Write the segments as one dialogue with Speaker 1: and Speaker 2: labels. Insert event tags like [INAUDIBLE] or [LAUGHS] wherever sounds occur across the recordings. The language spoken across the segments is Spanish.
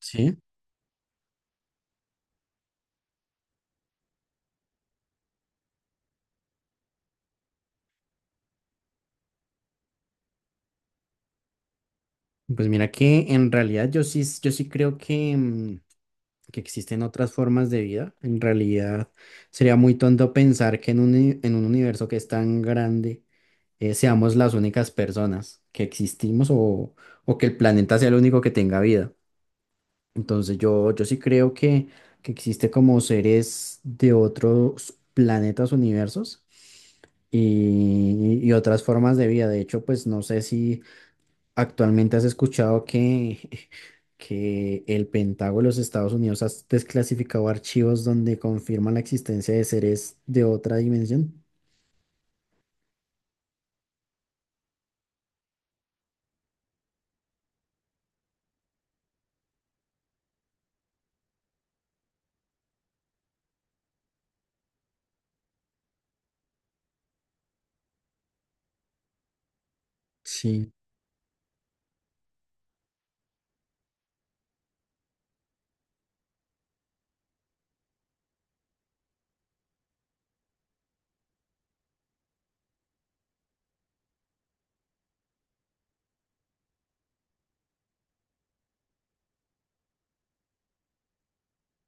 Speaker 1: Sí, pues mira que en realidad yo sí creo que, que existen otras formas de vida. En realidad sería muy tonto pensar que en en un universo que es tan grande, seamos las únicas personas que existimos o que el planeta sea el único que tenga vida. Entonces yo sí creo que existe como seres de otros planetas, universos y otras formas de vida. De hecho, pues no sé si actualmente has escuchado que, [LAUGHS] que el Pentágono de los Estados Unidos ha desclasificado archivos donde confirman la existencia de seres de otra dimensión. Sí,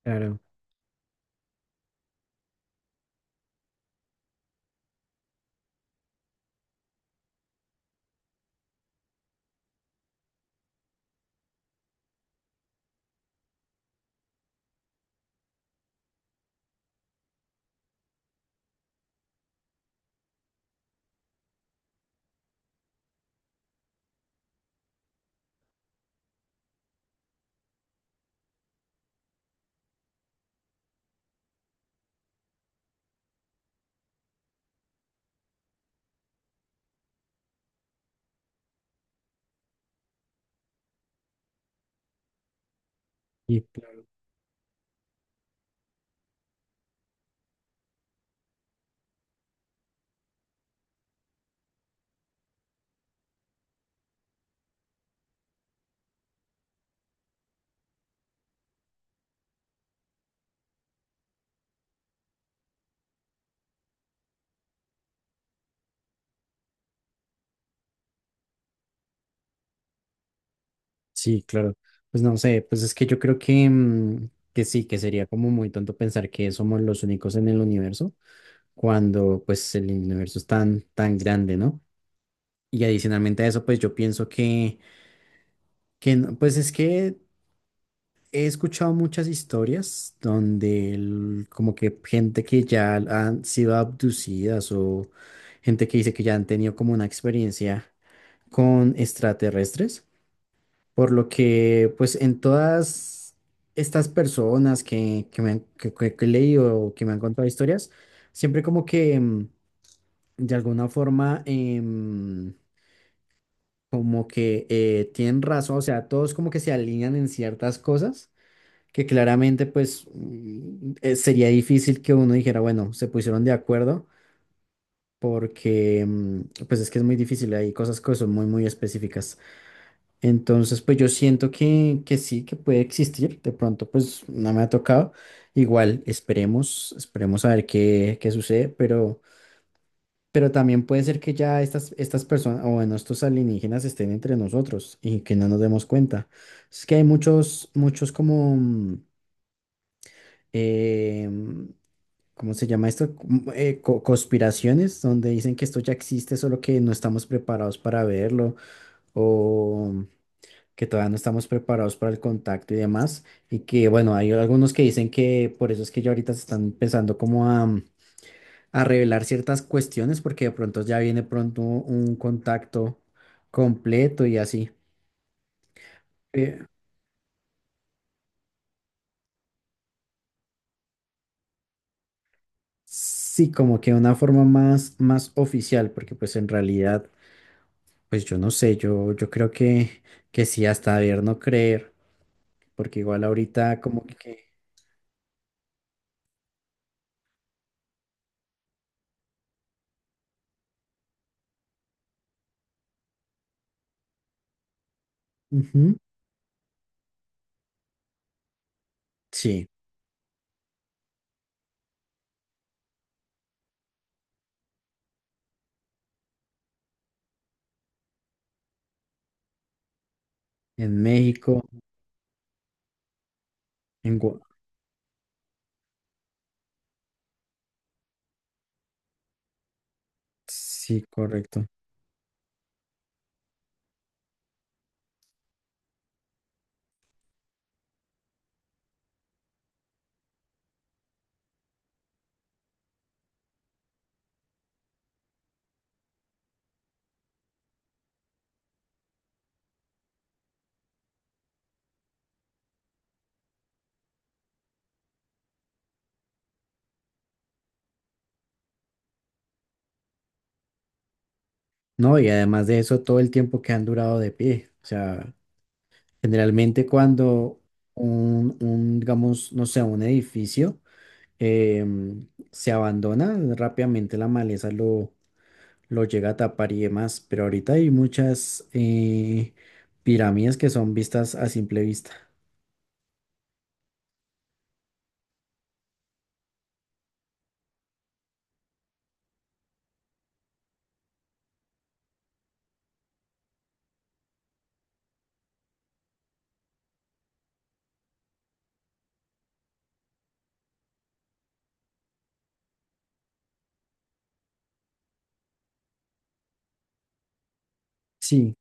Speaker 1: claro. Y, claro, sí, claro. Pues no sé, pues es que yo creo que, que sí, que sería como muy tonto pensar que somos los únicos en el universo, cuando pues el universo es tan, tan grande, ¿no? Y adicionalmente a eso, pues yo pienso que no, pues es que he escuchado muchas historias donde como que gente que ya han sido abducidas o gente que dice que ya han tenido como una experiencia con extraterrestres, por lo que pues en todas estas personas que he leído o que me han contado historias, siempre como que de alguna forma, como que tienen razón, o sea, todos como que se alinean en ciertas cosas que claramente pues sería difícil que uno dijera, bueno, se pusieron de acuerdo porque pues es que es muy difícil, hay cosas que son muy muy específicas. Entonces pues yo siento que sí, que puede existir, de pronto pues no me ha tocado, igual esperemos, esperemos a ver qué sucede, pero... Pero también puede ser que ya estas personas, o bueno, estos alienígenas estén entre nosotros y que no nos demos cuenta. Es que hay muchos, muchos como em, ¿cómo se llama esto? Como, conspiraciones, donde dicen que esto ya existe, solo que no estamos preparados para verlo o que todavía no estamos preparados para el contacto y demás. Y que, bueno, hay algunos que dicen que por eso es que ya ahorita se están empezando como a revelar ciertas cuestiones, porque de pronto ya viene pronto un contacto completo y así. Eh, sí, como que una forma más, más oficial, porque pues en realidad... Pues yo no sé, yo creo que sí, hasta ver no creer, porque igual ahorita como que... Ujú. Sí, en México, en... Gua-. Sí, correcto. No, y además de eso, todo el tiempo que han durado de pie. O sea, generalmente cuando digamos, no sé, un edificio, se abandona, rápidamente la maleza lo llega a tapar y demás, pero ahorita hay muchas pirámides que son vistas a simple vista. Sí,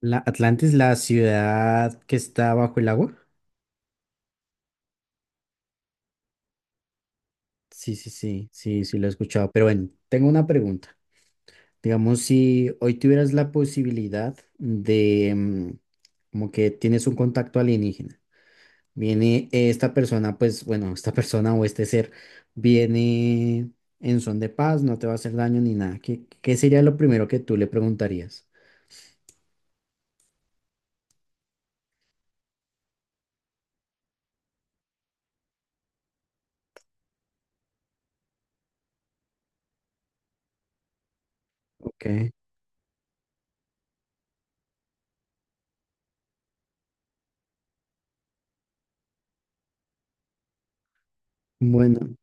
Speaker 1: la Atlantis, la ciudad que está bajo el agua. Sí, sí, sí, sí, sí, lo he escuchado. Pero bueno, tengo una pregunta. Digamos, si hoy tuvieras la posibilidad de, como que tienes un contacto alienígena, viene esta persona, pues bueno, esta [LAUGHS] persona o este ser viene en son de paz, no te va a hacer daño ni nada. Qué sería lo primero que tú le preguntarías? Ok, bueno,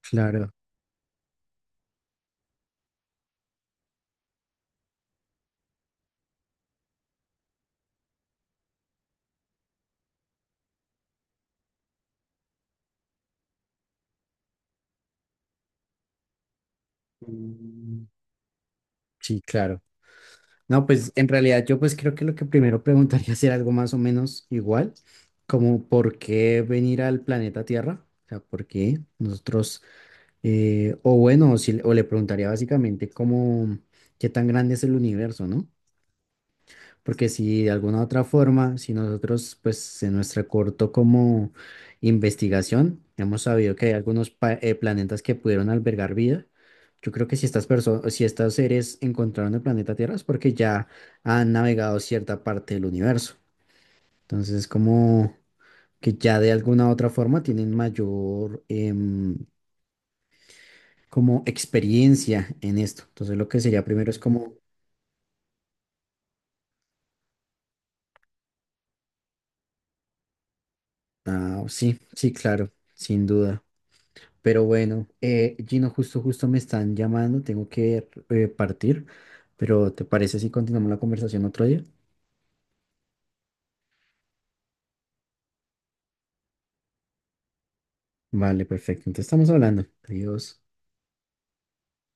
Speaker 1: claro. Mm, Sí, claro. No, pues en realidad yo pues creo que lo que primero [LAUGHS] preguntaría sería algo más o menos igual, como por qué venir al planeta Tierra, o sea, por qué nosotros, o bueno, o si- o le preguntaría básicamente cómo, qué tan grande es el universo, ¿no? Porque si de alguna otra forma, si nosotros, pues en nuestra corto como investigación, hemos sabido que hay algunos planetas que pudieron albergar vida, yo creo que si estas personas, si estos seres encontraron el planeta Tierra es porque ya han navegado cierta parte del universo. Entonces, como que ya de alguna otra forma tienen mayor como experiencia en esto. Entonces, lo que sería primero es como, ah, sí, sí, claro, sin duda. Pero bueno, Gino, justo me están llamando, tengo que partir, pero ¿te parece si continuamos la conversación otro día? Vale, perfecto, entonces estamos hablando. Adiós.